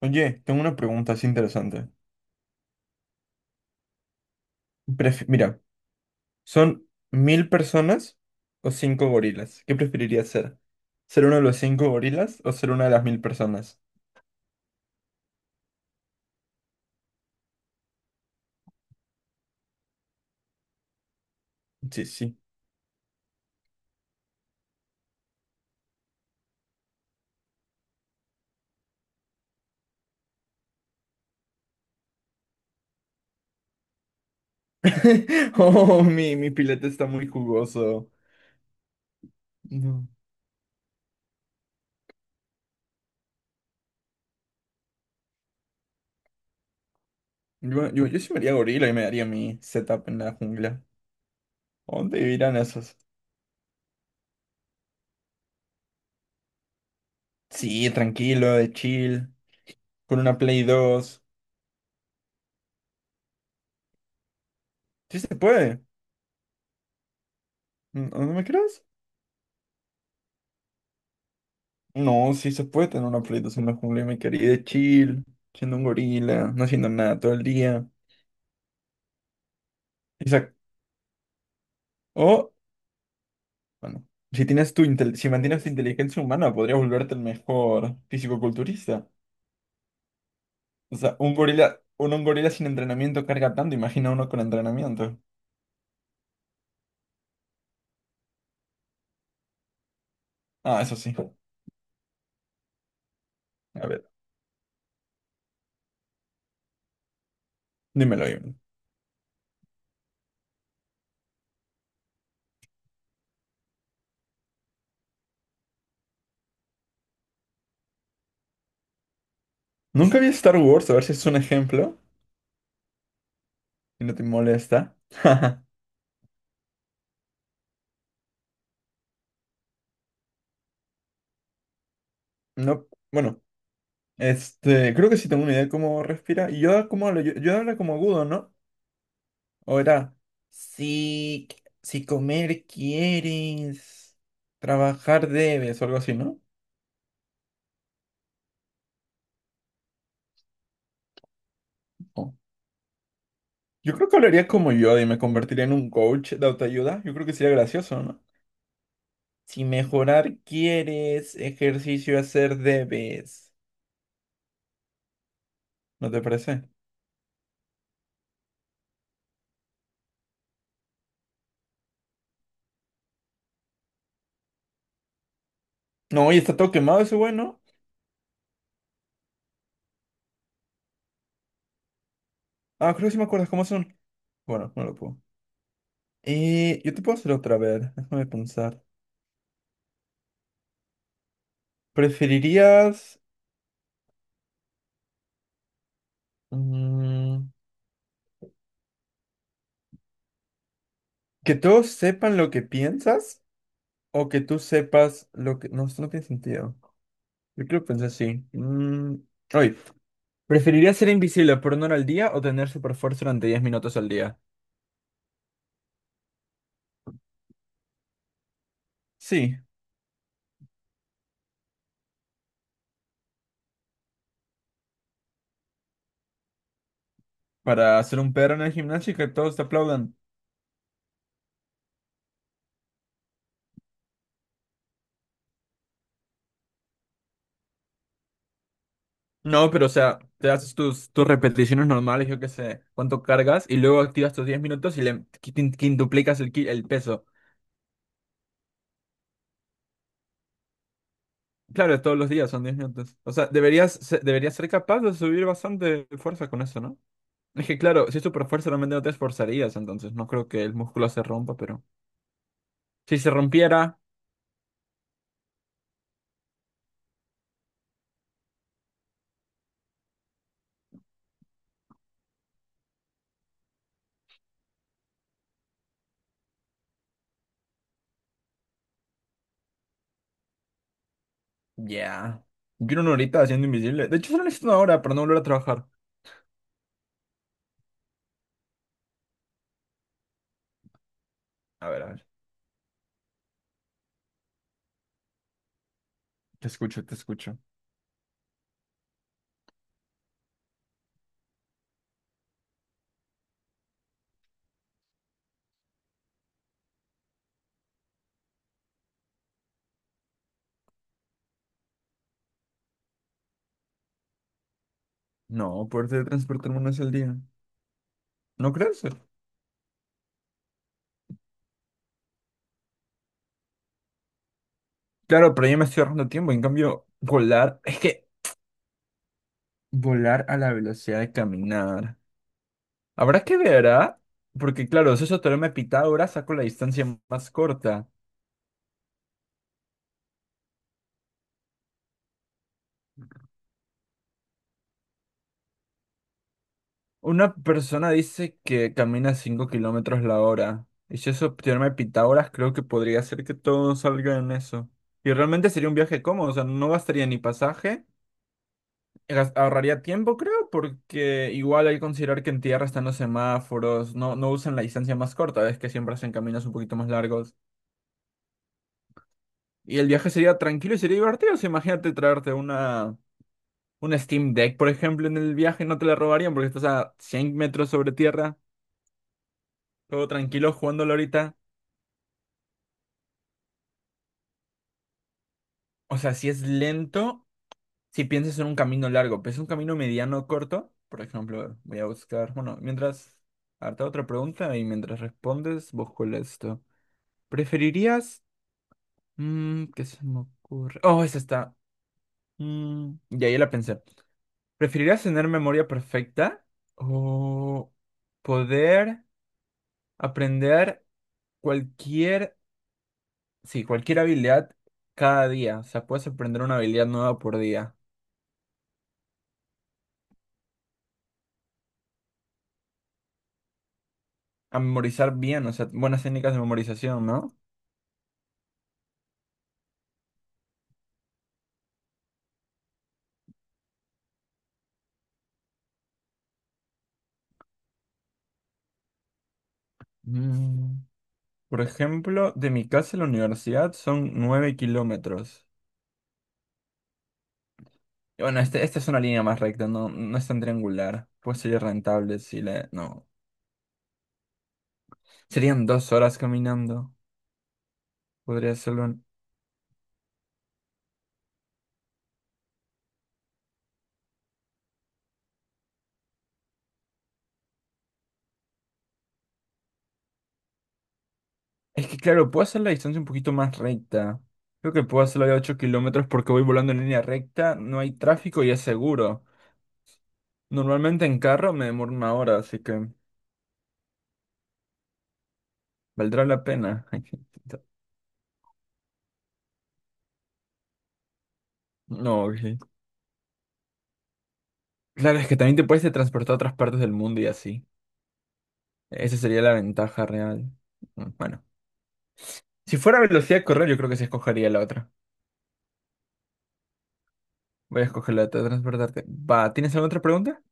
Oye, tengo una pregunta así interesante. Mira, ¿son 1.000 personas o cinco gorilas? ¿Qué preferirías ser? ¿Ser uno de los cinco gorilas o ser una de las 1.000 personas? Sí, sí. Oh, mi pilete está muy jugoso. No. Yo sí me haría gorila y me daría mi setup en la jungla. ¿A ¿Dónde vivirán esos? Sí, tranquilo, de chill, con una Play 2. Sí se puede. ¿No me crees? No, sí se puede tener una Play 2 en la jungla, mi querida, chill, siendo un gorila, no haciendo nada todo el día. Exacto. O, bueno, si mantienes tu inteligencia humana, podrías volverte el mejor fisicoculturista. O sea, un gorila, un gorila sin entrenamiento carga tanto, imagina uno con entrenamiento. Ah, eso sí. A ver, dímelo, dímelo. Nunca vi Star Wars, a ver si es un ejemplo, si no te molesta. No, bueno, creo que sí tengo una idea de cómo respira. Y yo como hablo, yo, Yoda habla como agudo, ¿no? Ahora, si, si comer quieres, trabajar debes o algo así, ¿no? Oh. Yo creo que hablaría como yo y me convertiría en un coach de autoayuda. Yo creo que sería gracioso, ¿no? Si mejorar quieres, ejercicio hacer debes. ¿No te parece? No, y está todo quemado ese güey, ¿no? Ah, creo que sí me acuerdas cómo son. Bueno, no lo puedo. Yo te puedo hacer otra vez. Déjame pensar. ¿Preferirías mm, que todos sepan lo que piensas? O que tú sepas lo que... No, esto no tiene sentido. Yo creo que pensé así. Oye, ¿preferirías ser invisible por una hora al día o tener super fuerza durante 10 minutos al día? Sí, para hacer un perro en el gimnasio y que todos te aplaudan. No, pero o sea, te haces tus repeticiones normales, yo qué sé, cuánto cargas y luego activas tus 10 minutos y le quintuplicas el peso. Claro, todos los días son 10 minutos. O sea, deberías ser capaz de subir bastante fuerza con eso, no. Es que claro, si es super fuerza realmente no te esforzarías, entonces no creo que el músculo se rompa, pero si se rompiera, ya. Yo una horita haciendo invisible. De hecho, solo necesito una hora para no volver a trabajar. A ver, a ver. Te escucho, te escucho. No, poder teletransportarme una vez al día. ¿No crees? Claro, pero yo me estoy ahorrando tiempo. En cambio, volar, es que volar a la velocidad de caminar. Habrá que ver, ¿ah? Porque claro, si eso teorema de Pitágoras, saco la distancia más corta. Una persona dice que camina 5 kilómetros la hora. Y si eso teorema de Pitágoras, creo que podría ser que todo salga en eso. Y realmente sería un viaje cómodo, o sea, no gastaría ni pasaje, ahorraría tiempo, creo, porque igual hay que considerar que en tierra están los semáforos, no, no usan la distancia más corta, es que siempre hacen caminos un poquito más largos. Y el viaje sería tranquilo y sería divertido. O sea, imagínate traerte una Steam Deck, por ejemplo, en el viaje, no te la robarían porque estás a 100 metros sobre tierra, todo tranquilo jugándolo ahorita. O sea, si es lento, si piensas en un camino largo, pero es un camino mediano corto, por ejemplo, voy a buscar, bueno, mientras, harta otra pregunta y mientras respondes, busco el esto. ¿Preferirías, qué se me ocurre? Oh, esa está. Ya, ya la pensé. ¿Preferirías tener memoria perfecta o poder aprender cualquier, sí, cualquier habilidad cada día? O sea, puedes aprender una habilidad nueva por día. A memorizar bien, o sea, buenas técnicas de memorización, ¿no? Mm, Por ejemplo, de mi casa a la universidad son 9 kilómetros. Y bueno, esta es una línea más recta, no, no es tan triangular. Pues sería rentable si le... No. Serían 2 horas caminando. Podría hacerlo en- Es que claro, puedo hacer la distancia un poquito más recta. Creo que puedo hacerlo de 8 kilómetros porque voy volando en línea recta, no hay tráfico y es seguro. Normalmente en carro me demoro una hora, así que valdrá la pena. No, ok. Claro, es que también te puedes teletransportar a otras partes del mundo y así. Esa sería la ventaja real. Bueno, si fuera velocidad de correr, yo creo que se escogería la otra. Voy a escoger la de teletransportarte. Va, ¿tienes alguna otra pregunta?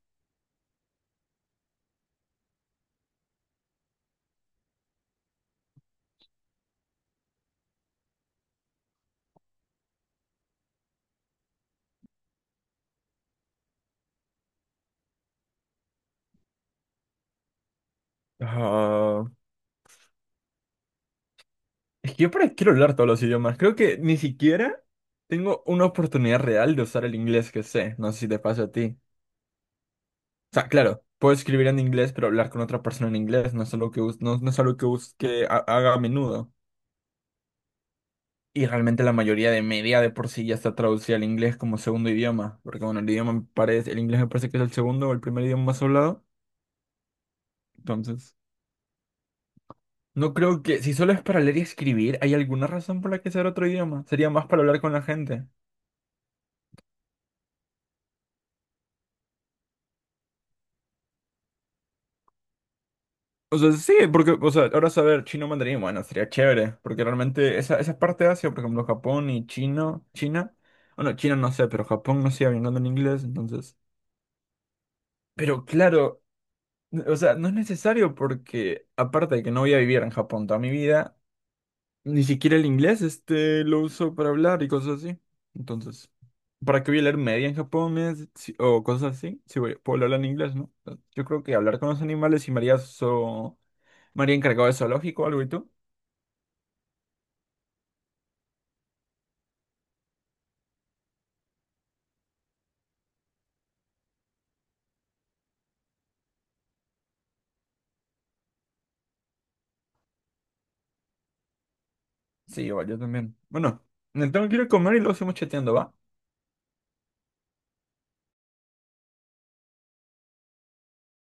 Ah, es que yo para qué quiero hablar todos los idiomas. Creo que ni siquiera tengo una oportunidad real de usar el inglés que sé. No sé si te pasa a ti. O sea, claro, puedo escribir en inglés, pero hablar con otra persona en inglés no es algo que, no, no es algo que, haga a menudo. Y realmente la mayoría de media de por sí ya está traducida al inglés como segundo idioma, porque bueno, el idioma me parece, el inglés me parece que es el segundo o el primer idioma más hablado, entonces no creo que, si solo es para leer y escribir, ¿hay alguna razón por la que sea otro idioma? Sería más para hablar con la gente. O sea, sí, porque, o sea, ahora saber chino mandarín, bueno, sería chévere, porque realmente esa, esa parte de Asia, por ejemplo, Japón y chino, China, bueno, China no sé, pero Japón no sigue hablando en inglés, entonces... Pero claro, o sea, no es necesario porque, aparte de que no voy a vivir en Japón toda mi vida, ni siquiera el inglés este lo uso para hablar y cosas así. Entonces, ¿para qué voy a leer media en japonés o cosas así? Si voy- puedo hablar en inglés, ¿no? Entonces, yo creo que hablar con los animales y María encargado de zoológico o algo y tú. Sí, igual, yo también. Bueno, me tengo que ir a comer y luego seguimos chateando, ¿va?